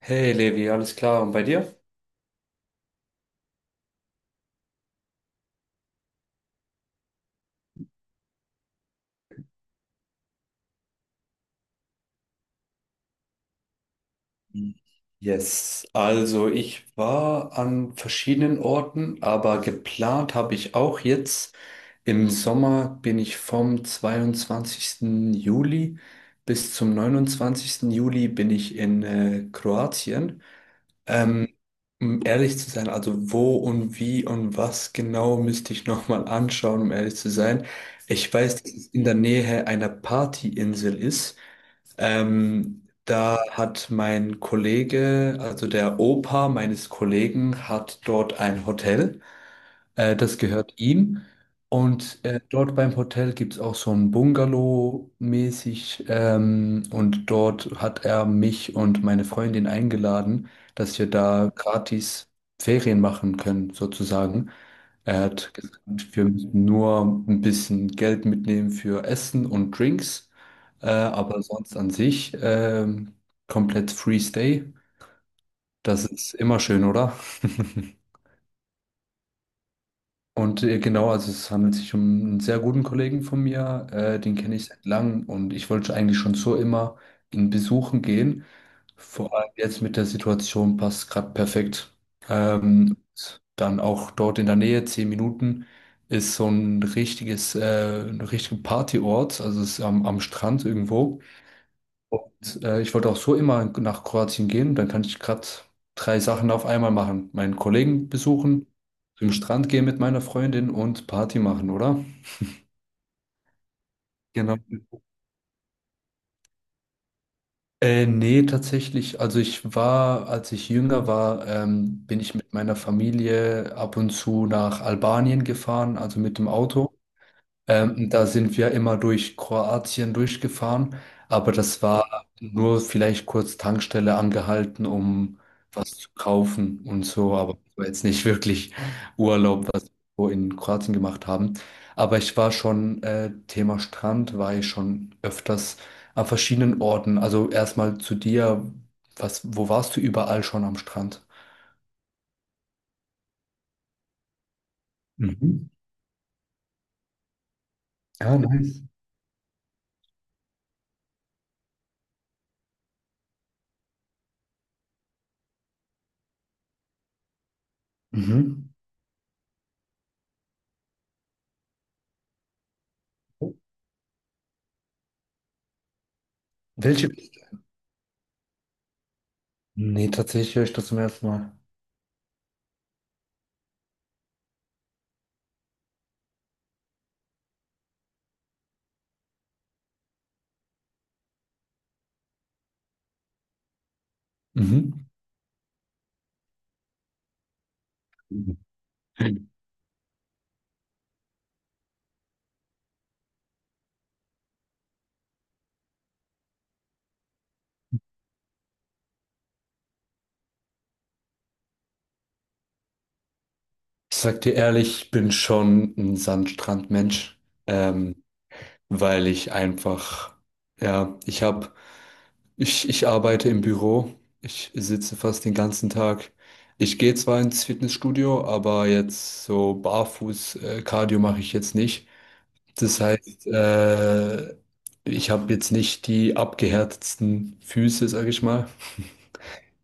Hey Levi, alles klar und bei dir? Yes, also ich war an verschiedenen Orten, aber geplant habe ich auch jetzt. Im Sommer bin ich vom 22. Juli bis zum 29. Juli bin ich in Kroatien. Ähm, Um ehrlich zu sein, also wo und wie und was genau müsste ich nochmal anschauen, um ehrlich zu sein. Ich weiß, dass es in der Nähe einer Partyinsel ist. Da hat mein Kollege, also der Opa meines Kollegen, hat dort ein Hotel. Das gehört ihm. Und dort beim Hotel gibt es auch so ein Bungalow-mäßig. Und dort hat er mich und meine Freundin eingeladen, dass wir da gratis Ferien machen können, sozusagen. Er hat gesagt, wir müssen nur ein bisschen Geld mitnehmen für Essen und Drinks. Aber sonst an sich komplett Free Stay. Das ist immer schön, oder? Und genau, also es handelt sich um einen sehr guten Kollegen von mir, den kenne ich seit langem und ich wollte eigentlich schon so immer ihn besuchen gehen. Vor allem jetzt mit der Situation passt es gerade perfekt. Ähm, Dann auch dort in der Nähe, 10 Minuten, ist so ein richtiger Partyort, also es ist am Strand irgendwo. Und ich wollte auch so immer nach Kroatien gehen. Dann kann ich gerade drei Sachen auf einmal machen. Meinen Kollegen besuchen, zum Strand gehen mit meiner Freundin und Party machen, oder? Genau. Nee, tatsächlich. Also ich war, als ich jünger war, bin ich mit meiner Familie ab und zu nach Albanien gefahren, also mit dem Auto. Da sind wir immer durch Kroatien durchgefahren, aber das war nur vielleicht kurz Tankstelle angehalten, um was zu kaufen und so, aber das war jetzt nicht wirklich Urlaub, was wir so in Kroatien gemacht haben. Aber ich war schon, Thema Strand, war ich schon öfters an verschiedenen Orten. Also erstmal zu dir, wo warst du überall schon am Strand? Mhm. Ja, nice. Mhm. Welche? Nee, tatsächlich höre ich das zum ersten Mal. Mhm. Ich sag dir ehrlich, ich bin schon ein Sandstrandmensch, ähm, weil ich einfach, ja, ich hab, ich arbeite im Büro, ich sitze fast den ganzen Tag. Ich gehe zwar ins Fitnessstudio, aber jetzt so barfuß Cardio mache ich jetzt nicht. Das heißt, ich habe jetzt nicht die abgehärtetsten Füße, sag ich mal.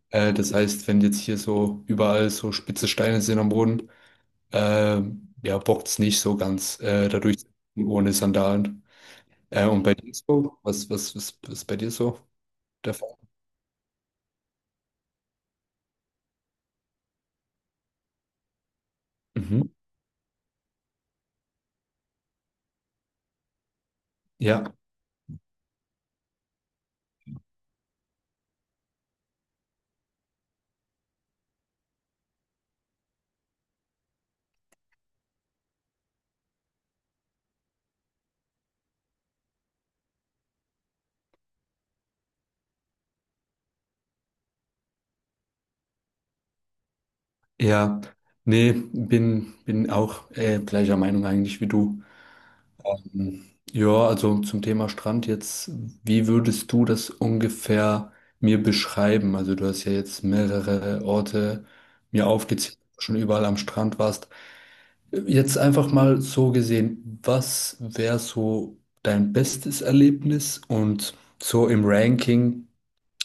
Das heißt, wenn jetzt hier so überall so spitze Steine sind am Boden, ja, bockt's nicht so ganz, dadurch ohne Sandalen. Und bei dir so? Was ist bei dir so der Fall? Mhm. Ja, ja. Nee, bin auch gleicher Meinung eigentlich wie du. Mhm. Ja, also zum Thema Strand jetzt, wie würdest du das ungefähr mir beschreiben? Also du hast ja jetzt mehrere Orte mir aufgezählt, wo du schon überall am Strand warst. Jetzt einfach mal so gesehen, was wäre so dein bestes Erlebnis und so im Ranking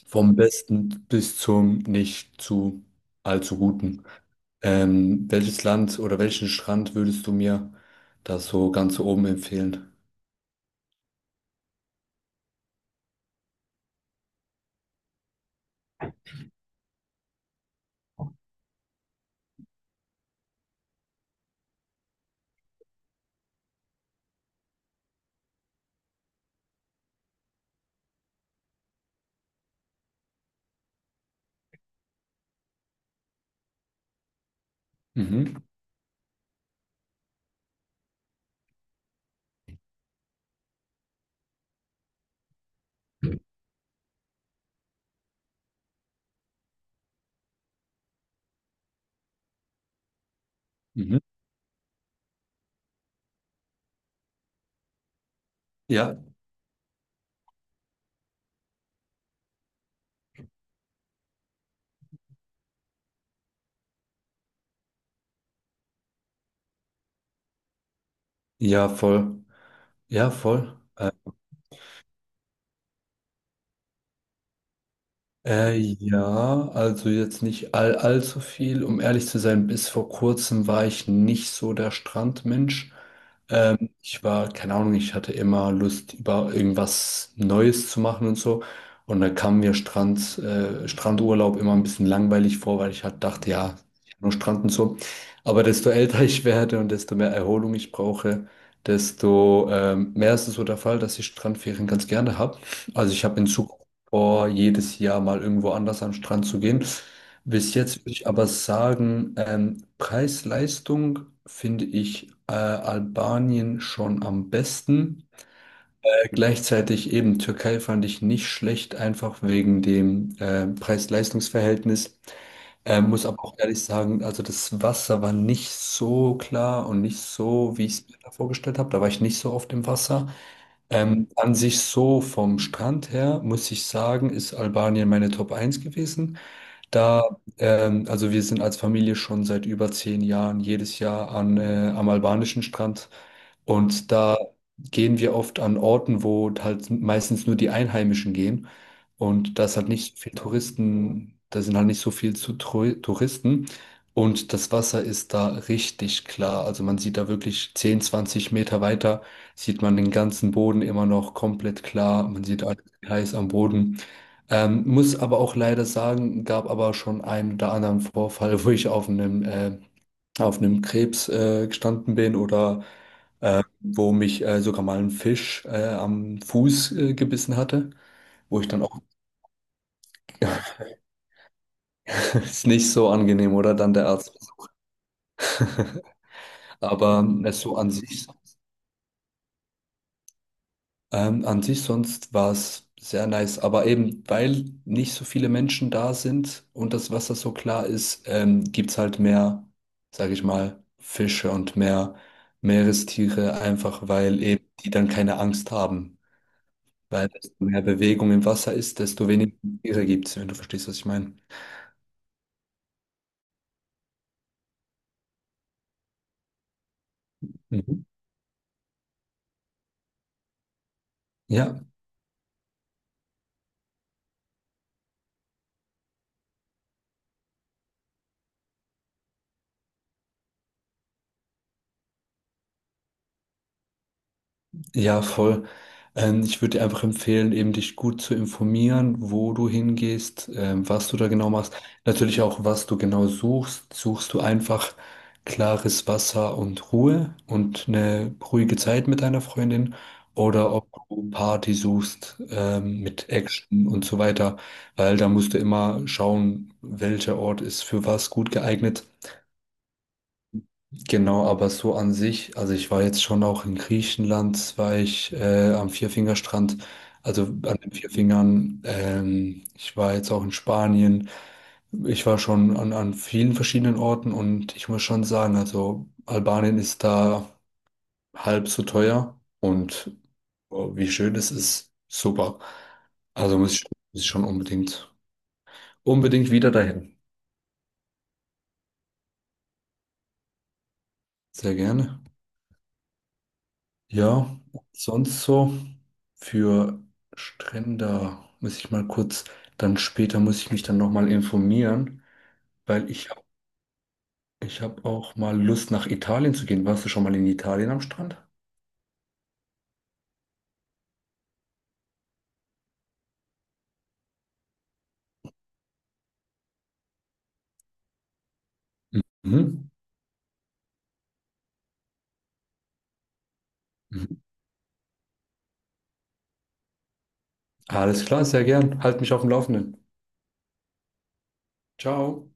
vom besten bis zum nicht zu allzu guten? Welches Land oder welchen Strand würdest du mir da so ganz oben empfehlen? Mhm. Mhm. Ja, ja, voll. Ja, voll. Ja, also jetzt nicht allzu viel. Um ehrlich zu sein, bis vor kurzem war ich nicht so der Strandmensch. Ich war, keine Ahnung, ich hatte immer Lust, über irgendwas Neues zu machen und so. Und da kam mir Strand, Strandurlaub immer ein bisschen langweilig vor, weil ich halt dachte, ja, ich hab nur Strand und so. Aber desto älter ich werde und desto mehr Erholung ich brauche, desto mehr ist es so der Fall, dass ich Strandferien ganz gerne habe. Also ich habe in Zukunft vor, jedes Jahr mal irgendwo anders an den Strand zu gehen. Bis, mhm, jetzt würde ich aber sagen, Preis-Leistung finde ich Albanien schon am besten. Gleichzeitig eben Türkei fand ich nicht schlecht, einfach wegen dem Preis-Leistungs-Verhältnis. Muss aber auch ehrlich sagen, also das Wasser war nicht so klar und nicht so, wie ich es mir da vorgestellt habe. Da war ich nicht so oft im Wasser. An sich so vom Strand her, muss ich sagen, ist Albanien meine Top 1 gewesen. Da, also wir sind als Familie schon seit über 10 Jahren jedes Jahr am albanischen Strand und da gehen wir oft an Orten, wo halt meistens nur die Einheimischen gehen und da ist halt nicht so viel Touristen, da sind halt nicht so viel Touristen und das Wasser ist da richtig klar. Also man sieht da wirklich 10, 20 Meter weiter, sieht man den ganzen Boden immer noch komplett klar, man sieht alles heiß am Boden. Muss aber auch leider sagen, gab aber schon einen oder anderen Vorfall, wo ich auf einem Krebs gestanden bin oder wo mich sogar mal ein Fisch am Fuß gebissen hatte, wo ich dann auch, ist nicht so angenehm, oder dann der Arzt. Aber es so an sich. An sich sonst war es sehr nice, aber eben weil nicht so viele Menschen da sind und das Wasser so klar ist, gibt's halt mehr, sage ich mal, Fische und mehr Meerestiere, einfach weil eben die dann keine Angst haben. Weil desto mehr Bewegung im Wasser ist, desto weniger Tiere gibt's, wenn du verstehst, was ich meine. Mhm. Ja, ja, voll. Ich würde dir einfach empfehlen, eben dich gut zu informieren, wo du hingehst, was du da genau machst. Natürlich auch, was du genau suchst. Suchst du einfach klares Wasser und Ruhe und eine ruhige Zeit mit deiner Freundin oder ob du Party suchst, mit Action und so weiter, weil da musst du immer schauen, welcher Ort ist für was gut geeignet. Genau, aber so an sich, also ich war jetzt schon auch in Griechenland, war ich am Vierfingerstrand, also an den Vierfingern. Ich war jetzt auch in Spanien. Ich war schon an vielen verschiedenen Orten und ich muss schon sagen, also Albanien ist da halb so teuer und oh, wie schön es ist, super. Also muss ich schon unbedingt, unbedingt wieder dahin. Sehr gerne. Ja, sonst so für Strände muss ich mal kurz, dann später muss ich mich dann nochmal informieren, weil ich habe auch mal Lust nach Italien zu gehen. Warst du schon mal in Italien am Strand? Mhm. Mhm. Alles klar, sehr gern. Halt mich auf dem Laufenden. Ciao.